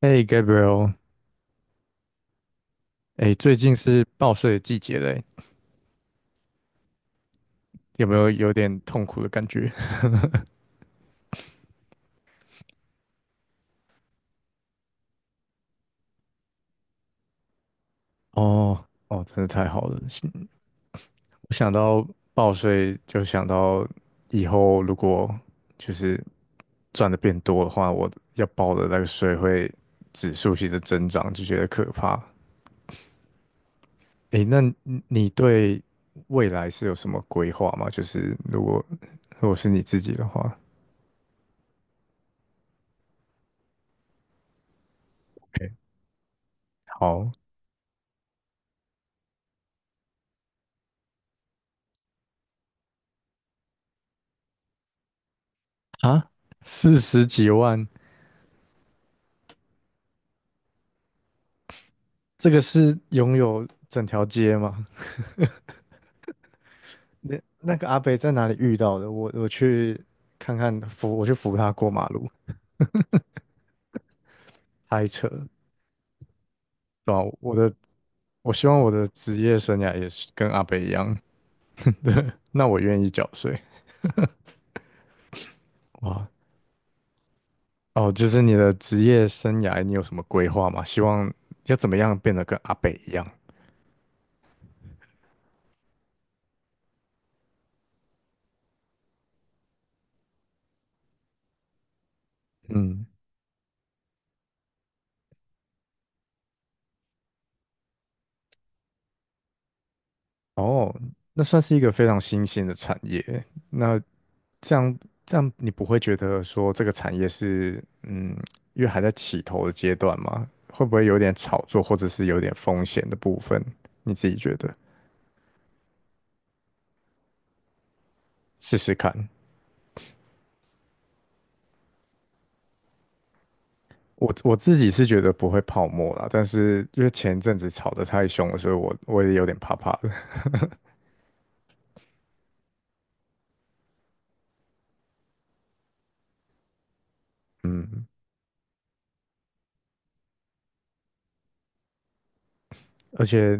哎，Gabriel，哎，最近是报税的季节嘞，有没有有点痛苦的感觉？哦，哦，真的太好了！是我想到报税，就想到以后如果就是赚的变多的话，我要报的那个税会指数性的增长，就觉得可怕。哎，那你对未来是有什么规划吗？就是如果是你自己的话，OK，好啊，四十几万。这个是拥有整条街吗？那那个阿北在哪里遇到的？我去看看扶，我去扶他过马路，开车，对吧？我希望我的职业生涯也是跟阿北一样，对，那我愿意缴税。哇，哦，就是你的职业生涯，你有什么规划吗？希望要怎么样变得跟阿北一样？嗯。哦，那算是一个非常新兴的产业。那这样这样，你不会觉得说这个产业是因为还在起头的阶段吗？会不会有点炒作，或者是有点风险的部分？你自己觉得？试试看。我自己是觉得不会泡沫啦，但是因为前一阵子炒得太凶了，所以我也有点怕怕的。而且，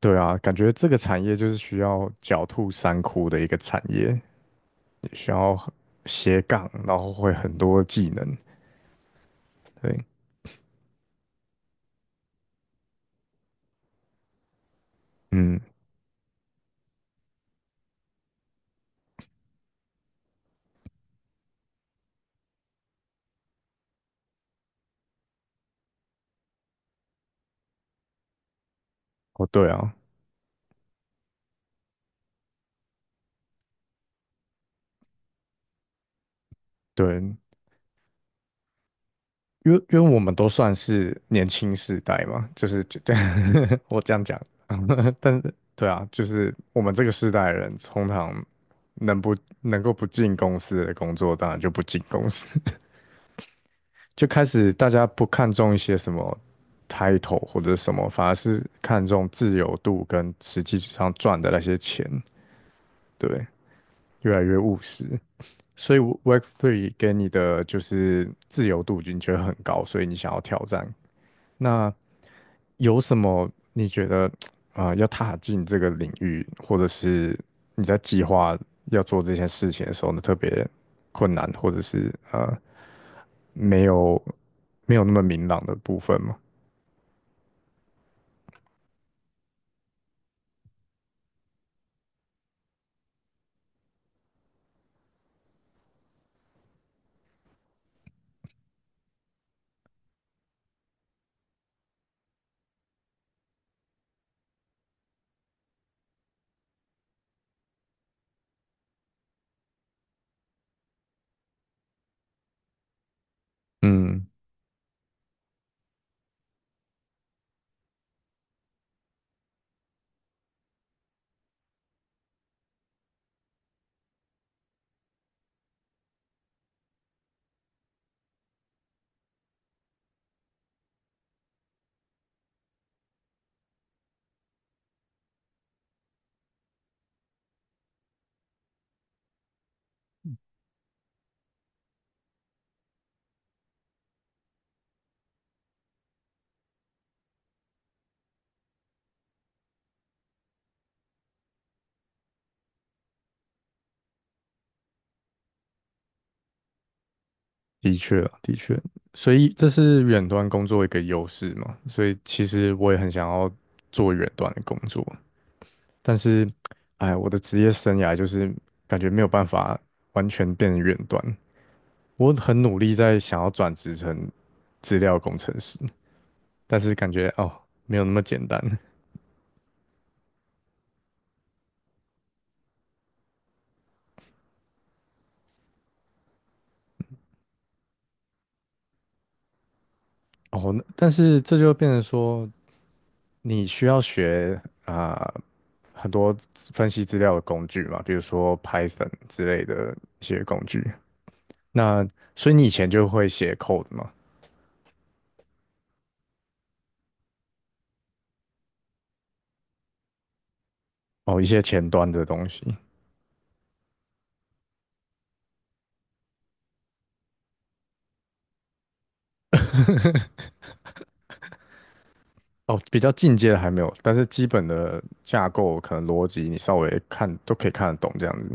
对啊，感觉这个产业就是需要狡兔三窟的一个产业。需要斜杠，然后会很多技能。对，嗯，哦，对啊，对，因为我们都算是年轻世代嘛，就是就 我这样讲，但是对啊，就是我们这个世代的人，通常能不能够不进公司的工作，当然就不进公司，就开始大家不看重一些什么 title 或者什么，反而是看重自由度跟实际上赚的那些钱，对，越来越务实。所以 w o r k Three 给你的就是自由度，你觉得很高，所以你想要挑战。那有什么你觉得要踏进这个领域，或者是你在计划要做这件事情的时候呢，特别困难，或者是没有没有那么明朗的部分吗？嗯，的确啊的确，所以这是远端工作一个优势嘛，所以其实我也很想要做远端的工作，但是，哎，我的职业生涯就是感觉没有办法完全变成远端。我很努力在想要转职成资料工程师，但是感觉哦，没有那么简单哦。那但是这就变成说，你需要学啊、很多资分析资料的工具嘛，比如说 Python 之类的一些工具。那所以你以前就会写 code 嘛？哦，一些前端的东西。哦，比较进阶的还没有，但是基本的架构可能逻辑你稍微看都可以看得懂这样子。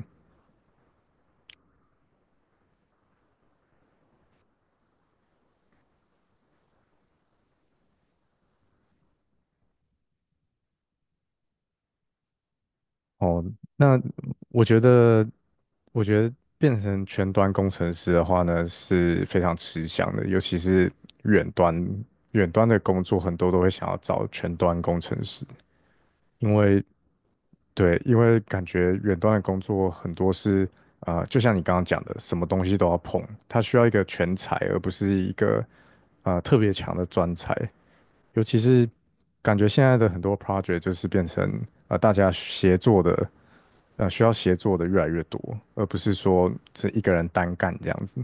哦，那我觉得，我觉得变成全端工程师的话呢，是非常吃香的，尤其是远端远端的工作，很多都会想要找全端工程师，因为对，因为感觉远端的工作很多是。呃，就像你刚刚讲的，什么东西都要碰，它需要一个全才，而不是一个特别强的专才。尤其是感觉现在的很多 project 就是变成大家协作的，需要协作的越来越多，而不是说是一个人单干这样子。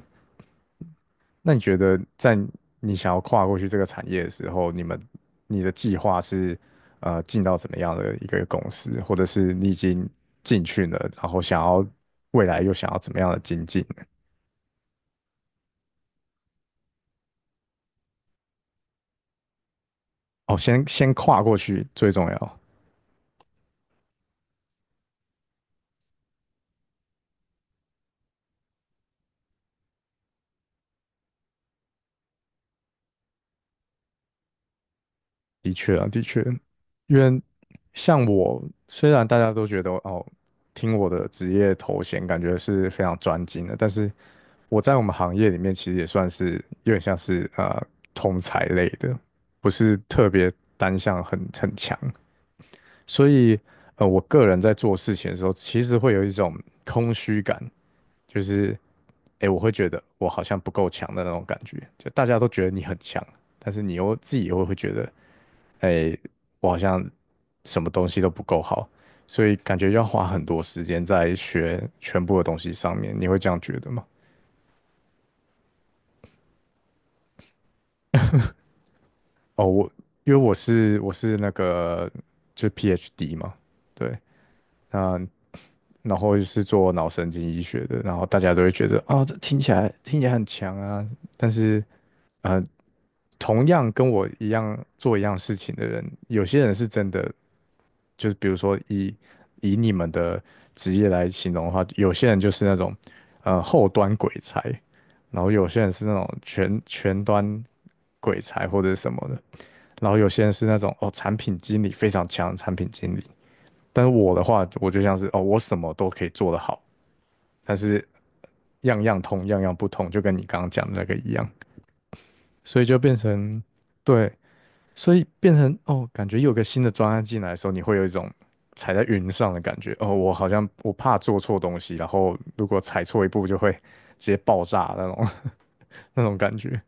那你觉得在你想要跨过去这个产业的时候，你的计划是进到怎么样的一个公司，或者是你已经进去了，然后想要未来又想要怎么样的精进呢哦，先先跨过去最重要。的确啊，的确，因为像我，虽然大家都觉得哦，听我的职业头衔感觉是非常专精的，但是我在我们行业里面其实也算是有点像是通才类的，不是特别单项很强，所以呃，我个人在做事情的时候，其实会有一种空虚感，就是诶，我会觉得我好像不够强的那种感觉，就大家都觉得你很强，但是你又自己又会觉得。哎，我好像什么东西都不够好，所以感觉要花很多时间在学全部的东西上面。你会这样觉得吗？哦，因为我是那个就是 PhD 嘛，对，嗯，然后是做脑神经医学的，然后大家都会觉得啊、这听起来很强啊，但是呃同样跟我一样做一样事情的人，有些人是真的，就是比如说以你们的职业来形容的话，有些人就是那种后端鬼才，然后有些人是那种全前端鬼才或者什么的，然后有些人是那种哦产品经理非常强的产品经理，但是我的话，我就像是哦我什么都可以做得好，但是样样通样样不通，就跟你刚刚讲的那个一样，所以就变成对。所以变成哦，感觉有个新的专案进来的时候，你会有一种踩在云上的感觉。哦，我好像我怕做错东西，然后如果踩错一步就会直接爆炸那种 那种感觉。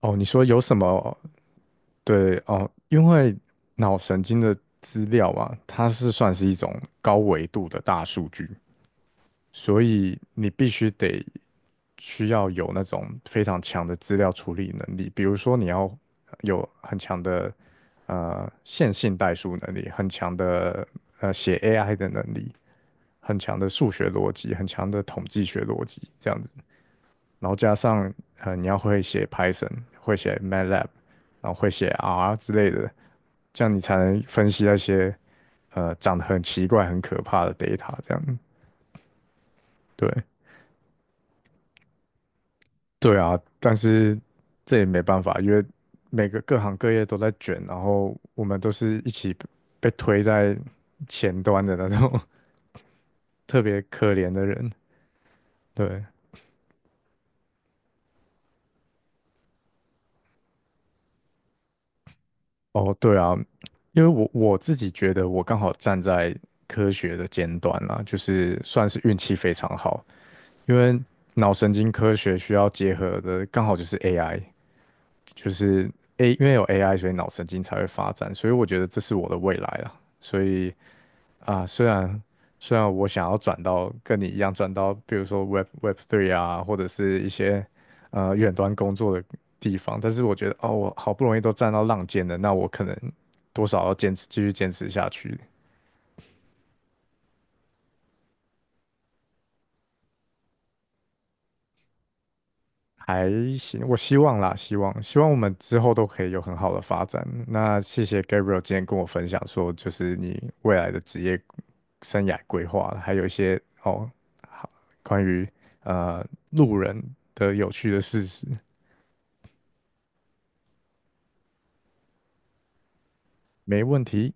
哦，你说有什么？对哦，因为脑神经的资料啊，它是算是一种高维度的大数据，所以你必须得需要有那种非常强的资料处理能力，比如说你要有很强的线性代数能力，很强的写 AI 的能力，很强的数学逻辑，很强的统计学逻辑这样子，然后加上你要会写 Python，会写 MATLAB，然后会写 R 之类的，这样你才能分析那些长得很奇怪、很可怕的 data 这样，对。对啊，但是这也没办法，因为每个各行各业都在卷，然后我们都是一起被推在前端的那种 特别可怜的人。对，哦，对啊，因为我我自己觉得我刚好站在科学的尖端啦，就是算是运气非常好，因为脑神经科学需要结合的刚好就是 AI，就是 A，因为有 AI，所以脑神经才会发展，所以我觉得这是我的未来啊，所以。啊，虽然我想要转到跟你一样转到，比如说 Web Three 啊，或者是一些远端工作的地方，但是我觉得哦，我好不容易都站到浪尖了，那我可能多少要坚持继续坚持下去，还行，我希望啦，希望我们之后都可以有很好的发展。那谢谢 Gabriel 今天跟我分享说，就是你未来的职业生涯规划，还有一些哦，好关于呃路人的有趣的事实。没问题。